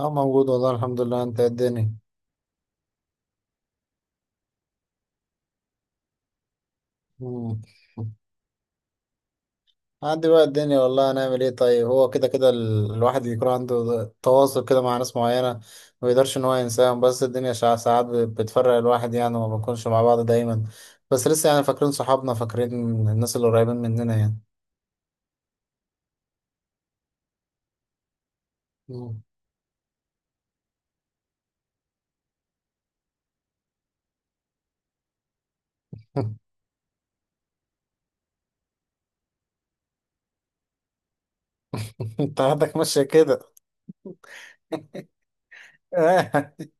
اه، موجود والله، الحمد لله. انت إيه الدنيا؟ مم. عندي بقى الدنيا، والله هنعمل ايه؟ طيب، هو كده كده الواحد يكون عنده تواصل كده مع ناس معينة. ما يقدرش ان هو ينساهم، بس الدنيا ساعات بتفرق الواحد يعني، وما بنكونش مع بعض دايما. بس لسه يعني فاكرين صحابنا، فاكرين الناس اللي قريبين مننا يعني. مم. انت عندك ماشية كده.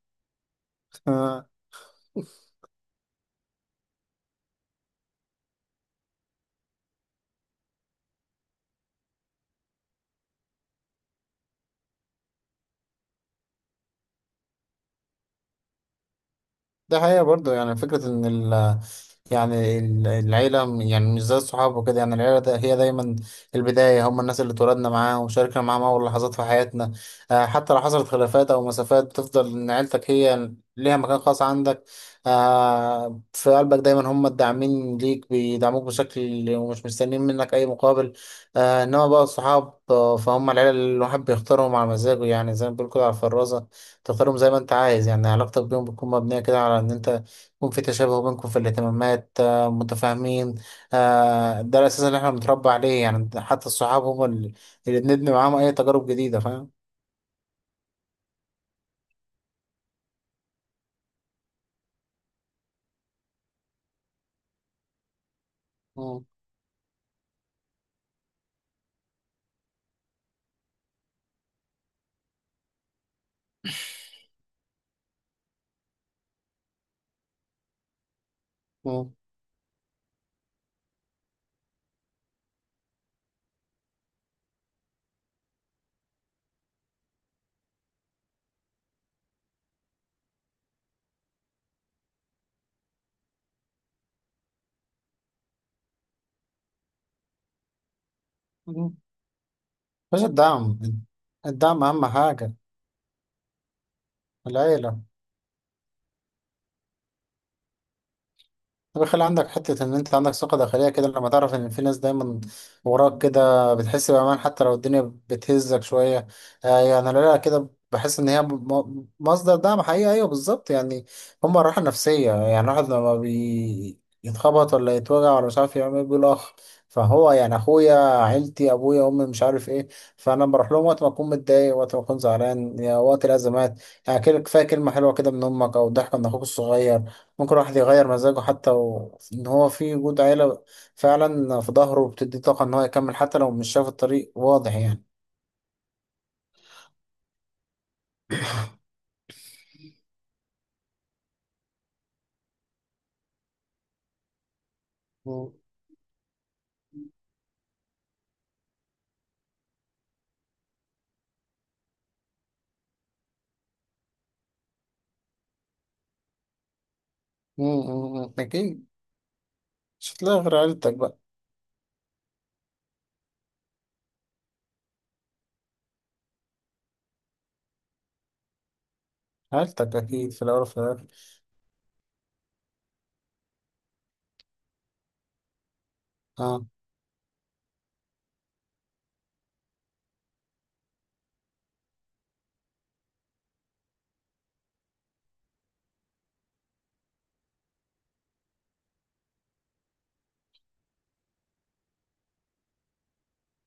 ده حقيقة برضه، يعني فكرة إن يعني العيلة يعني مش زي الصحاب وكده. يعني العيلة ده هي دايما البداية، هم الناس اللي اتولدنا معاهم وشاركنا معاهم أول لحظات في حياتنا. آه، حتى لو حصلت خلافات أو مسافات، بتفضل إن عيلتك هي ليها مكان خاص عندك. آه، في قلبك دايما هم الداعمين ليك، بيدعموك بشكل ومش مستنيين منك أي مقابل. آه، إنما بقى الصحاب، فهم العيلة اللي الواحد بيختارهم على مزاجه، يعني زي ما بيقول كده على الفرازة. تختارهم زي ما انت عايز، يعني علاقتك بيهم بتكون مبنية كده على ان انت يكون في تشابه بينكم في الاهتمامات، آه، متفاهمين. آه، ده الاساس اللي احنا بنتربى عليه، يعني حتى الصحاب هم اللي بنبني معاهم اي تجارب جديدة، فاهم؟ مم. مم. مم. بس الدعم. الدعم اهم حاجة. العيلة. بيخلي عندك حتة إن أنت عندك ثقة داخلية كده، لما تعرف إن في ناس دايما وراك كده، بتحس بأمان حتى لو الدنيا بتهزك شوية. آه يعني أنا لا، كده بحس إن هي مصدر دعم حقيقي. أيوه بالظبط يعني، هما الراحة النفسية. يعني الواحد لما يتخبط ولا يتوجع ولا مش عارف يعمل إيه، بيقول أخ، فهو يعني أخويا، عيلتي، أبويا، أمي، مش عارف إيه. فأنا بروح لهم وقت ما أكون متضايق، وقت ما أكون زعلان، يعني وقت الأزمات، يعني كده. كفاية كلمة حلوة كده من أمك أو ضحكة من أخوك الصغير، ممكن الواحد يغير مزاجه. حتى ان هو في وجود عيلة فعلا في ظهره، بتدي طاقة ان هو يكمل حتى لو مش شايف الطريق واضح، يعني. مم. مم، مم، مم. اكيد. مش هتلاقي غير عيلتك بقى. عيلتك اكيد في الاول وفي الاخر. اه.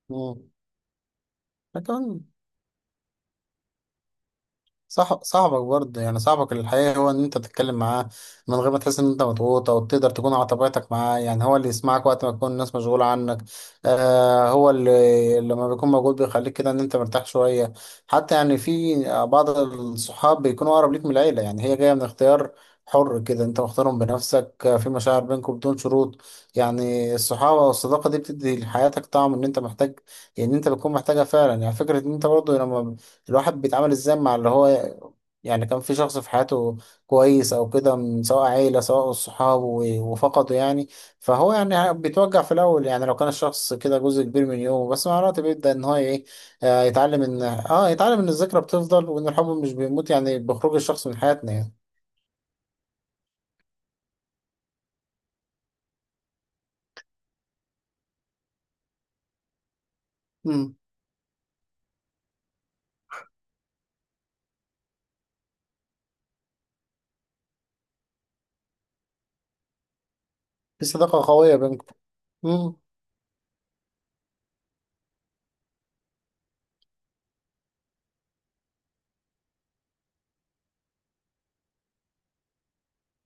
مم. لكن صح، صاحبك برضه يعني صاحبك الحقيقي، هو ان انت تتكلم معاه من غير ما تحس ان انت مضغوط، او تقدر تكون على طبيعتك معاه. يعني هو اللي يسمعك وقت ما تكون الناس مشغولة عنك. آه، هو اللي لما بيكون موجود بيخليك كده ان انت مرتاح شوية. حتى يعني في بعض الصحاب بيكونوا اقرب ليك من العيلة، يعني هي جاية من اختيار حر كده، انت مختارهم بنفسك، آه، في مشاعر بينكم بدون شروط. يعني الصحابة والصداقة دي بتدي لحياتك طعم ان انت محتاج، ان انت بتكون محتاجها فعلا. يعني فكرة ان انت برضه لما الواحد بيتعامل ازاي مع اللي هو، يعني كان في شخص في حياته كويس او كده سواء عيلة سواء صحابه وفقده، يعني فهو يعني بيتوجع في الاول، يعني لو كان الشخص كده جزء كبير من يومه، بس مع الوقت بيبدأ ان هو ايه، آه، يتعلم ان الذكرى بتفضل، وان الحب مش بيموت يعني بخروج الشخص من حياتنا، يعني. امم. في صداقة قوية بينكم. امم.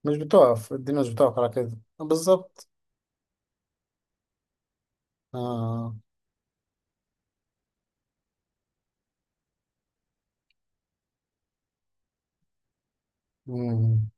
مش بتقف الدنيا، مش بتقف على كده بالظبط. اه. مم.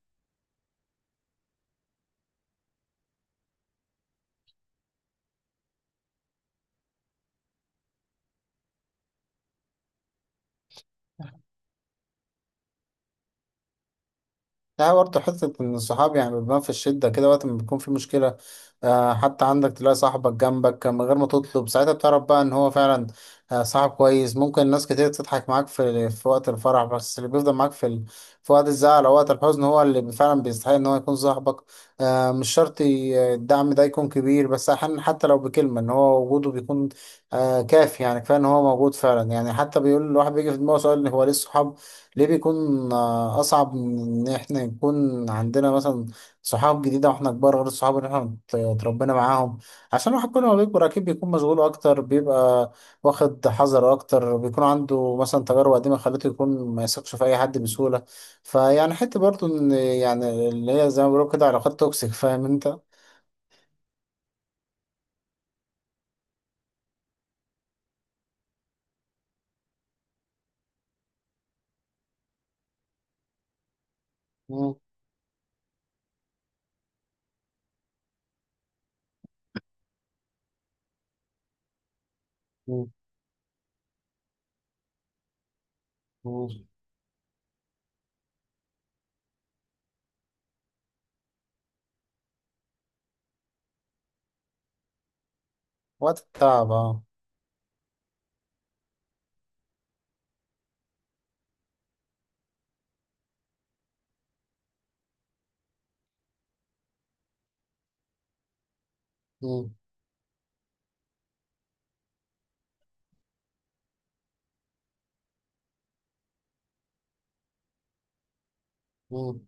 لا، برضه حتة إن الصحاب يعني بيبان في الشدة كده وقت ما بيكون في مشكلة. آه، حتى عندك تلاقي صاحبك جنبك من غير ما تطلب، ساعتها بتعرف بقى إن هو فعلا آه، صاحب كويس. ممكن ناس كتير تضحك معاك في وقت الفرح، بس اللي بيفضل معاك في وقت الزعل أو وقت الحزن، هو اللي فعلا بيستحق إن هو يكون صاحبك. آه، مش شرط الدعم ده يكون كبير، بس أحيانا حتى لو بكلمة، إن هو وجوده بيكون آه كافي، يعني كفاية إن هو موجود فعلا. يعني حتى بيقول الواحد، بيجي في دماغه سؤال، هو ليه الصحاب ليه بيكون آه، أصعب من إن إحنا يكون عندنا مثلا صحاب جديدة وإحنا كبار، غير الصحاب اللي إحنا اتربينا معاهم؟ عشان الواحد كل ما بيكبر أكيد بيكون مشغول أكتر، بيبقى واخد حذر أكتر، بيكون عنده مثلا تجارب قديمة خلته يكون ما يثقش في أي حد بسهولة. فيعني حتة برضه إن، يعني اللي هي زي ما بيقولوا كده، علاقات توكسيك، فاهم أنت. مم. مم. مم. وقت التعب أه. مم. مم.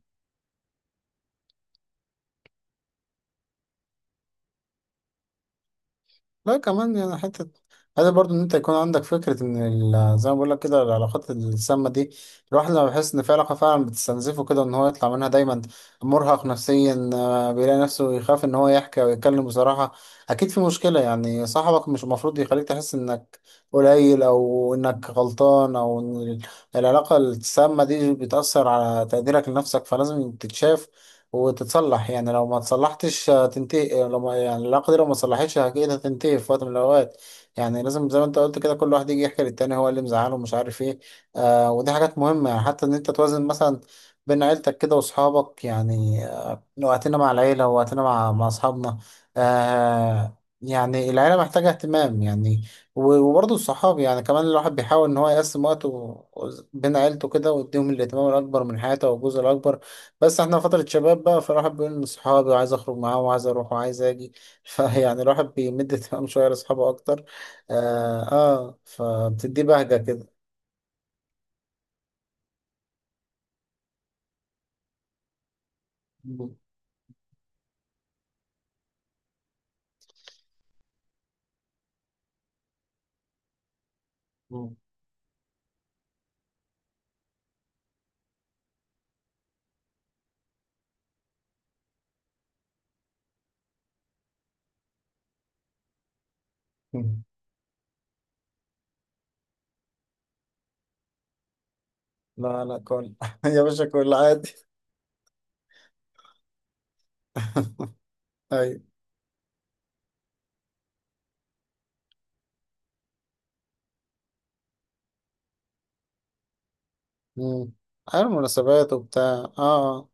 لا كمان يعني حتة. هذا برضو ان انت يكون عندك فكرة ان زي ما بقول لك كده العلاقات السامة دي، الواحد لما بيحس ان في علاقة فعلا بتستنزفه كده، ان هو يطلع منها دايما مرهق نفسيا آه، بيلاقي نفسه يخاف ان هو يحكي او يتكلم بصراحة، اكيد في مشكلة. يعني صاحبك مش المفروض يخليك تحس انك قليل، او انك غلطان، او ان العلاقة السامة دي بتأثر على تقديرك لنفسك، فلازم تتشاف وتتصلح. يعني لو ما تصلحتش هتنتهي، لو ما يعني العلاقة دي لو ما تصلحتش أكيد هتنتهي في وقت من الأوقات. يعني لازم زي ما أنت قلت كده، كل واحد يجي يحكي للتاني هو اللي مزعله ومش عارف إيه. آه ودي حاجات مهمة، يعني حتى إن أنت توازن مثلا بين عيلتك كده وأصحابك. يعني آه، وقتنا مع العيلة ووقتنا مع أصحابنا. آه، يعني العيلة محتاجة اهتمام يعني، وبرضه الصحاب، يعني كمان الواحد بيحاول إن هو يقسم وقته بين عيلته كده، ويديهم الاهتمام الأكبر من حياته والجزء الأكبر. بس احنا فترة شباب بقى، فالواحد بيقول لصحابي، وعايز اخرج معاهم وعايز اروح وعايز اجي. فيعني الواحد بيمد تمام شوية لاصحابه اكتر. اه، آه فبتدي بهجة كده. مم. مم. مم. لا لا، كل. يا باشا كل عادي. ايوه. مم. على المناسبات وبتاع. اه، آه.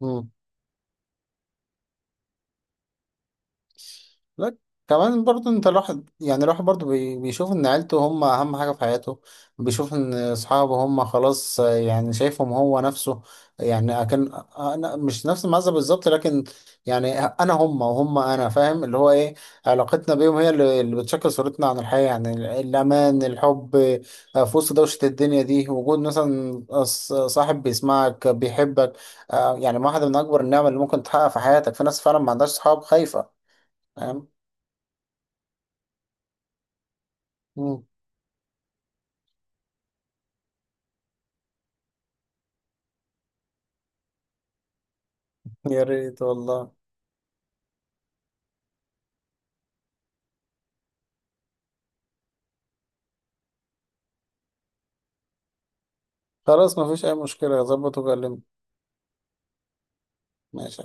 مم. لا كمان برضه انت، الواحد يعني الواحد برضه بيشوف ان عيلته هم اهم حاجة في حياته، بيشوف ان اصحابه هم خلاص. آه، يعني شايفهم هو نفسه يعني، اكن انا مش نفس المعزة بالظبط، لكن يعني انا هم وهم انا، فاهم اللي هو ايه. علاقتنا بيهم هي اللي بتشكل صورتنا عن الحياة، يعني الامان، الحب، آه، في وسط دوشة الدنيا دي، وجود مثلا صاحب بيسمعك بيحبك آه، يعني واحدة من اكبر النعم اللي ممكن تحقق في حياتك. في ناس فعلا ما عندهاش صحاب خايفة. فاهم. مم. يا ريت والله. خلاص مفيش أي مشكلة، ظبط وكلمني. ماشي.